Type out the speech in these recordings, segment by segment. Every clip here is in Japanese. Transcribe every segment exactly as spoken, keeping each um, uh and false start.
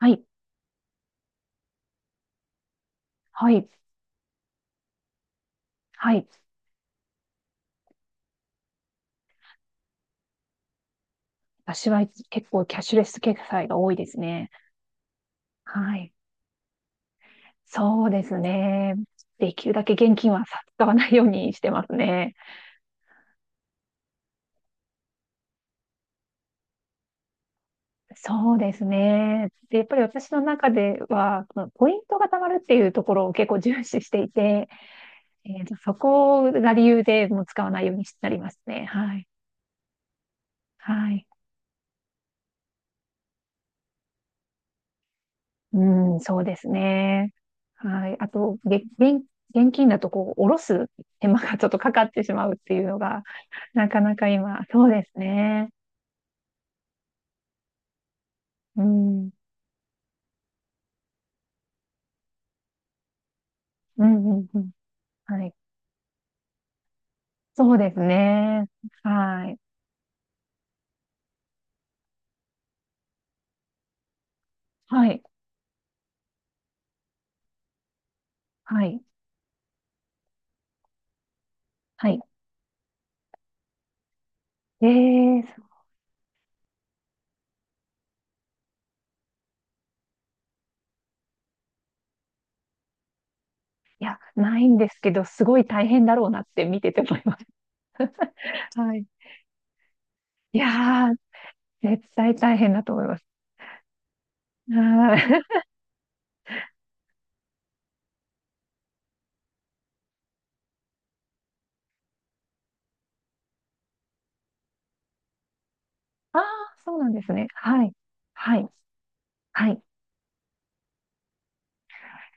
はい、はい、はい。私は結構キャッシュレス決済が多いですね。はい。そうですね。できるだけ現金は使わないようにしてますね。そうですね。で、やっぱり私の中では、そのポイントが貯まるっていうところを結構重視していて、えーと、そこが理由でもう使わないようになりますね。はい。はい。うん、そうですね。はい。あと、げ現、現金だとこう、下ろす手間がちょっとかかってしまうっていうのが、なかなか今、そうですね。うん。うん、うん、うん。はい。そうですね。はい。はい。はい。はい。ええ、そう、いや、ないんですけど、すごい大変だろうなって見てて思います。はい。いやー、絶対大変だと思います。はい。ああ、そうなんですね。はい。はい。はい。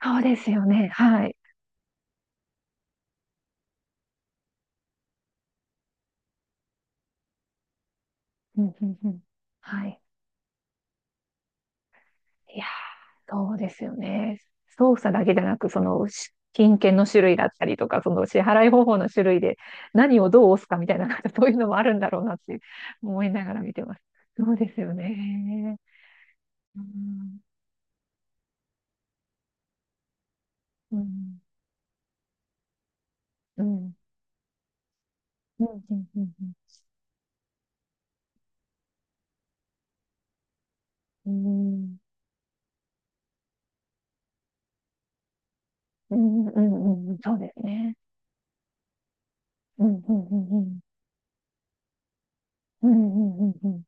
そうですよね。はい。うん、うん、うん。はい。いやー、そうですよね。操作だけじゃなく、その、し金券の種類だったりとか、その支払い方法の種類で何をどう押すかみたいな、なんかそういうのもあるんだろうなって思いながら見てます。そうですよね。うん、うん、うん、うん、うん、うん、うん、うん、うん、うん、うん、そうですね。うん、うん、うん、うん、うん、うん、うん、うん。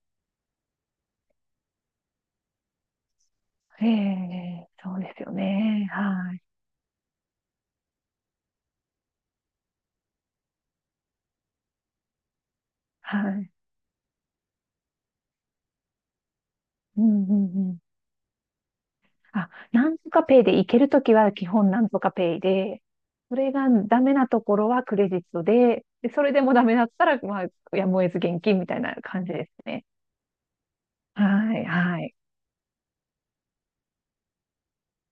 ええ、そうですよね。はい、はい。うん、うん、うん。あ、なんとかペイで行けるときは基本なんとかペイで、それがダメなところはクレジットで、で、それでもダメだったら、まあ、やむを得ず現金みたいな感じですね。はい、はい、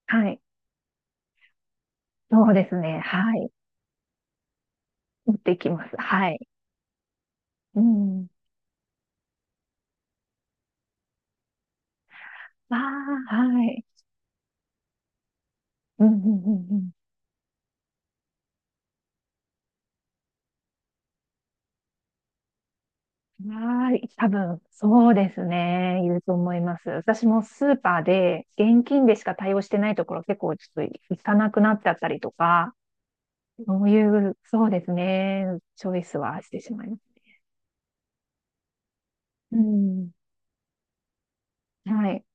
はい。そうですね。はい。持っていきます。はい。うん。ああ、はい。うん、うん、うん、うん。はい。多分、そうですね。言うと思います。私もスーパーで現金でしか対応してないところ結構ちょっと行かなくなっちゃったりとか、そういう、そうですね。チョイスはしてしまいます。うん。はい。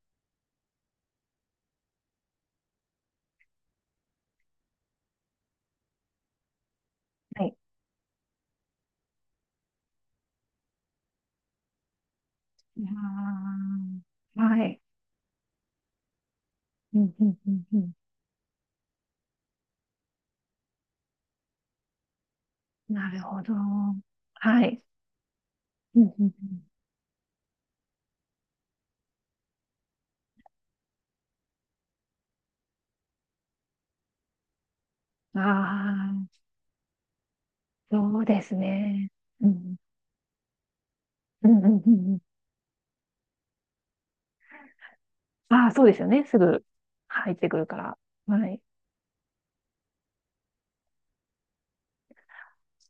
はい。いやー、はい。うん、うん、うん、うん。なるほど。はい。うん、うん、うん。ああ、そうですね。うん。うん、うん、うん。うん、ああ、そうですよね。すぐ入ってくるから。はい。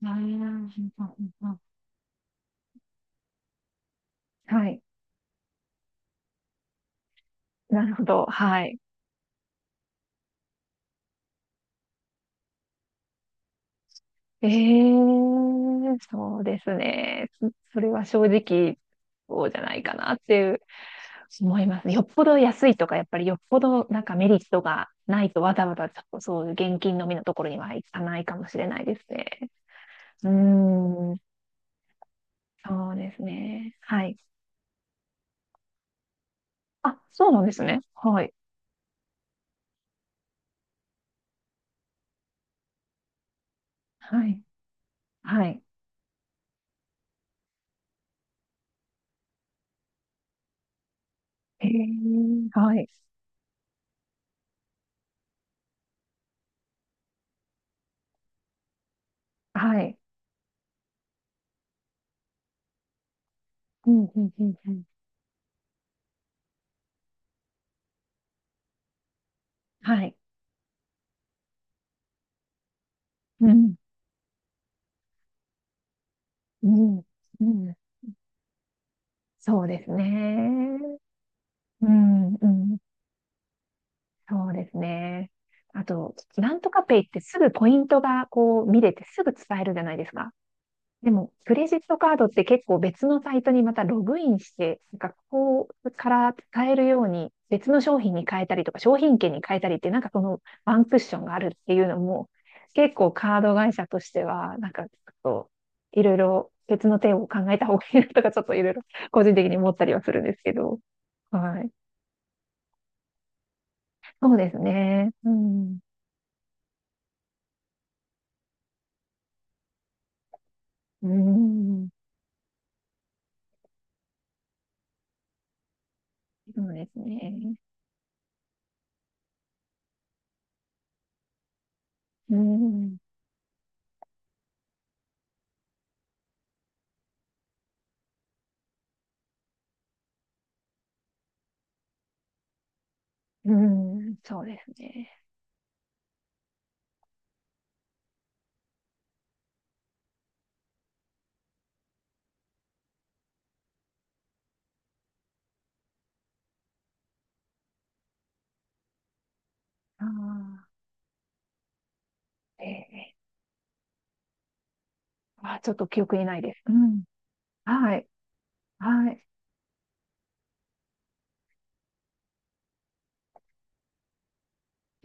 ああ、うん、うん、うん、はい。なるほど。はい。ええ、そうですね。そ、それは正直、そうじゃないかなっていう思います。よっぽど安いとか、やっぱりよっぽどなんかメリットがないとわざわざちょっとそういう現金のみのところには行かないかもしれないですね。うーん、そうですね。はい。あ、そうなんですね。はい。はい。はい。ええ、はい。はい。うん、うん、うん、うん。はい。うん、うん、うん。そうですね。うん、うん、そうですね。あと、なんとかペイってすぐポイントがこう見れてすぐ使えるじゃないですか。でも、クレジットカードって結構別のサイトにまたログインして、なんかここから使えるように別の商品に変えたりとか商品券に変えたりってなんかそのワンクッションがあるっていうのも結構カード会社としてはなんかちょっといろいろ別の手を考えた方がいいなとかちょっといろいろ個人的に思ったりはするんですけど。はい。そうですね。うん。うん。そうですね。うん。うん。そうですね。ああ。ええ。あ、ちょっと記憶にないです。うん。はい。はい。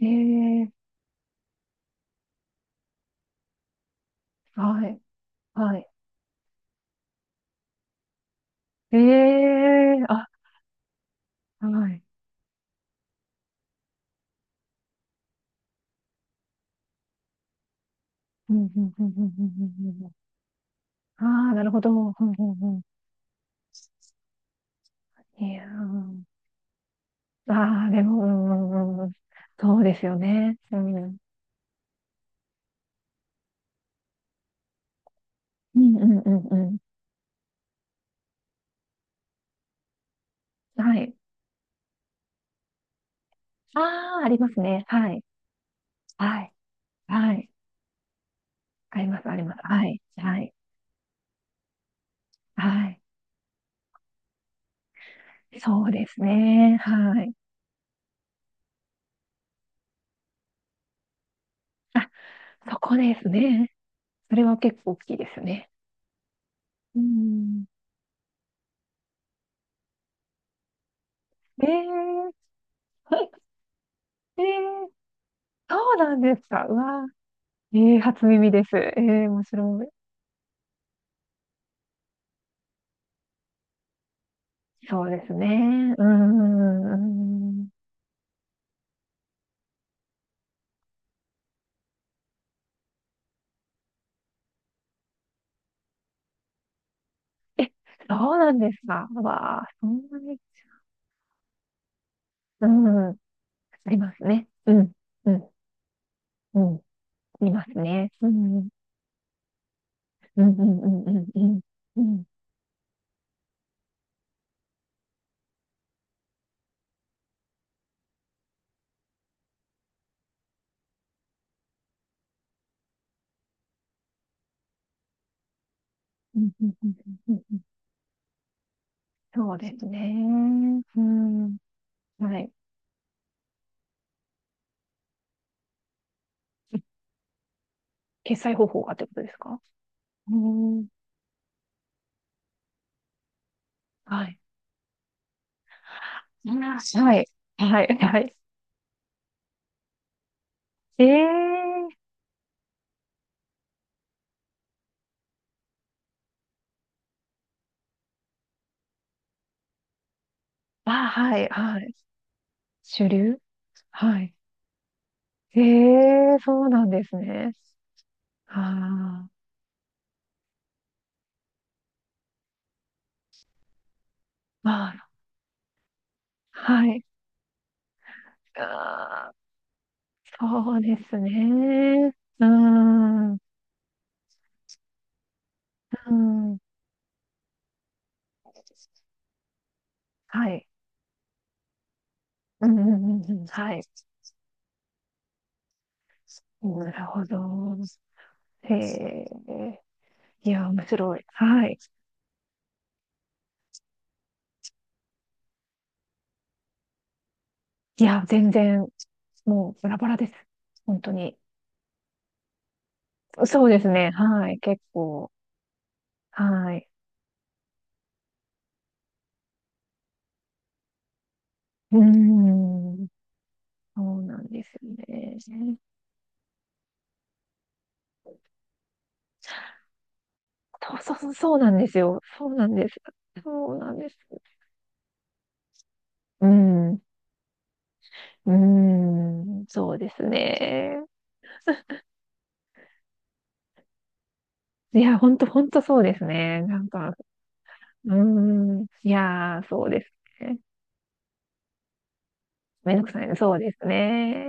ええ。はい。はい。ええ。あ、はい。うん、うん、うん、うん、うん、うん。ああ、なるほど。うん、うん、うん。いやー、ああ、でも、うん、うん、うん。うん、そうですよね。うん。うん、うん、うん、うん。はい。ああ、ありますね。はい。はい。はい。あります、あります。はい、はい、はい。そうですね。はい。あ、そこですね。それは結構大きいですよね。うん。ええ、ええ、そうなんですか。うわー、えー、初耳です。えー、面白い。そうですね。うん、うん、うん。え、そうなんですか。うわあ、そんなに。うん、ありますね。うん、うん、うん、いますね。うん、うん、うん、うん、うん、うん、うん、うん、うん、うん、うん、うん。そうですね。うん。はい。決済方法がってことですか？うん。はい。はい。はい。はい。ええー。あ、はい。はい。主流、はい。ええー、そうなんですね。ああ。まあ、あ、はい。ああ、そうですね。うーん。うん。はい。うん、うん、うん、うん。はい。なるほど。へえ。いや、面白い。はい。いや、全然、もうバラバラです。本当に。そうですね。はい。結構。はい。うーん。そうなんですよね。そうそうそう、そうなんですよ。そうなんです。そうなんです。うん。うーん。そうですね。いや、本当本当そうですね。なんか、うーん。いやー、そうですね。めんどくさいね。そうですね。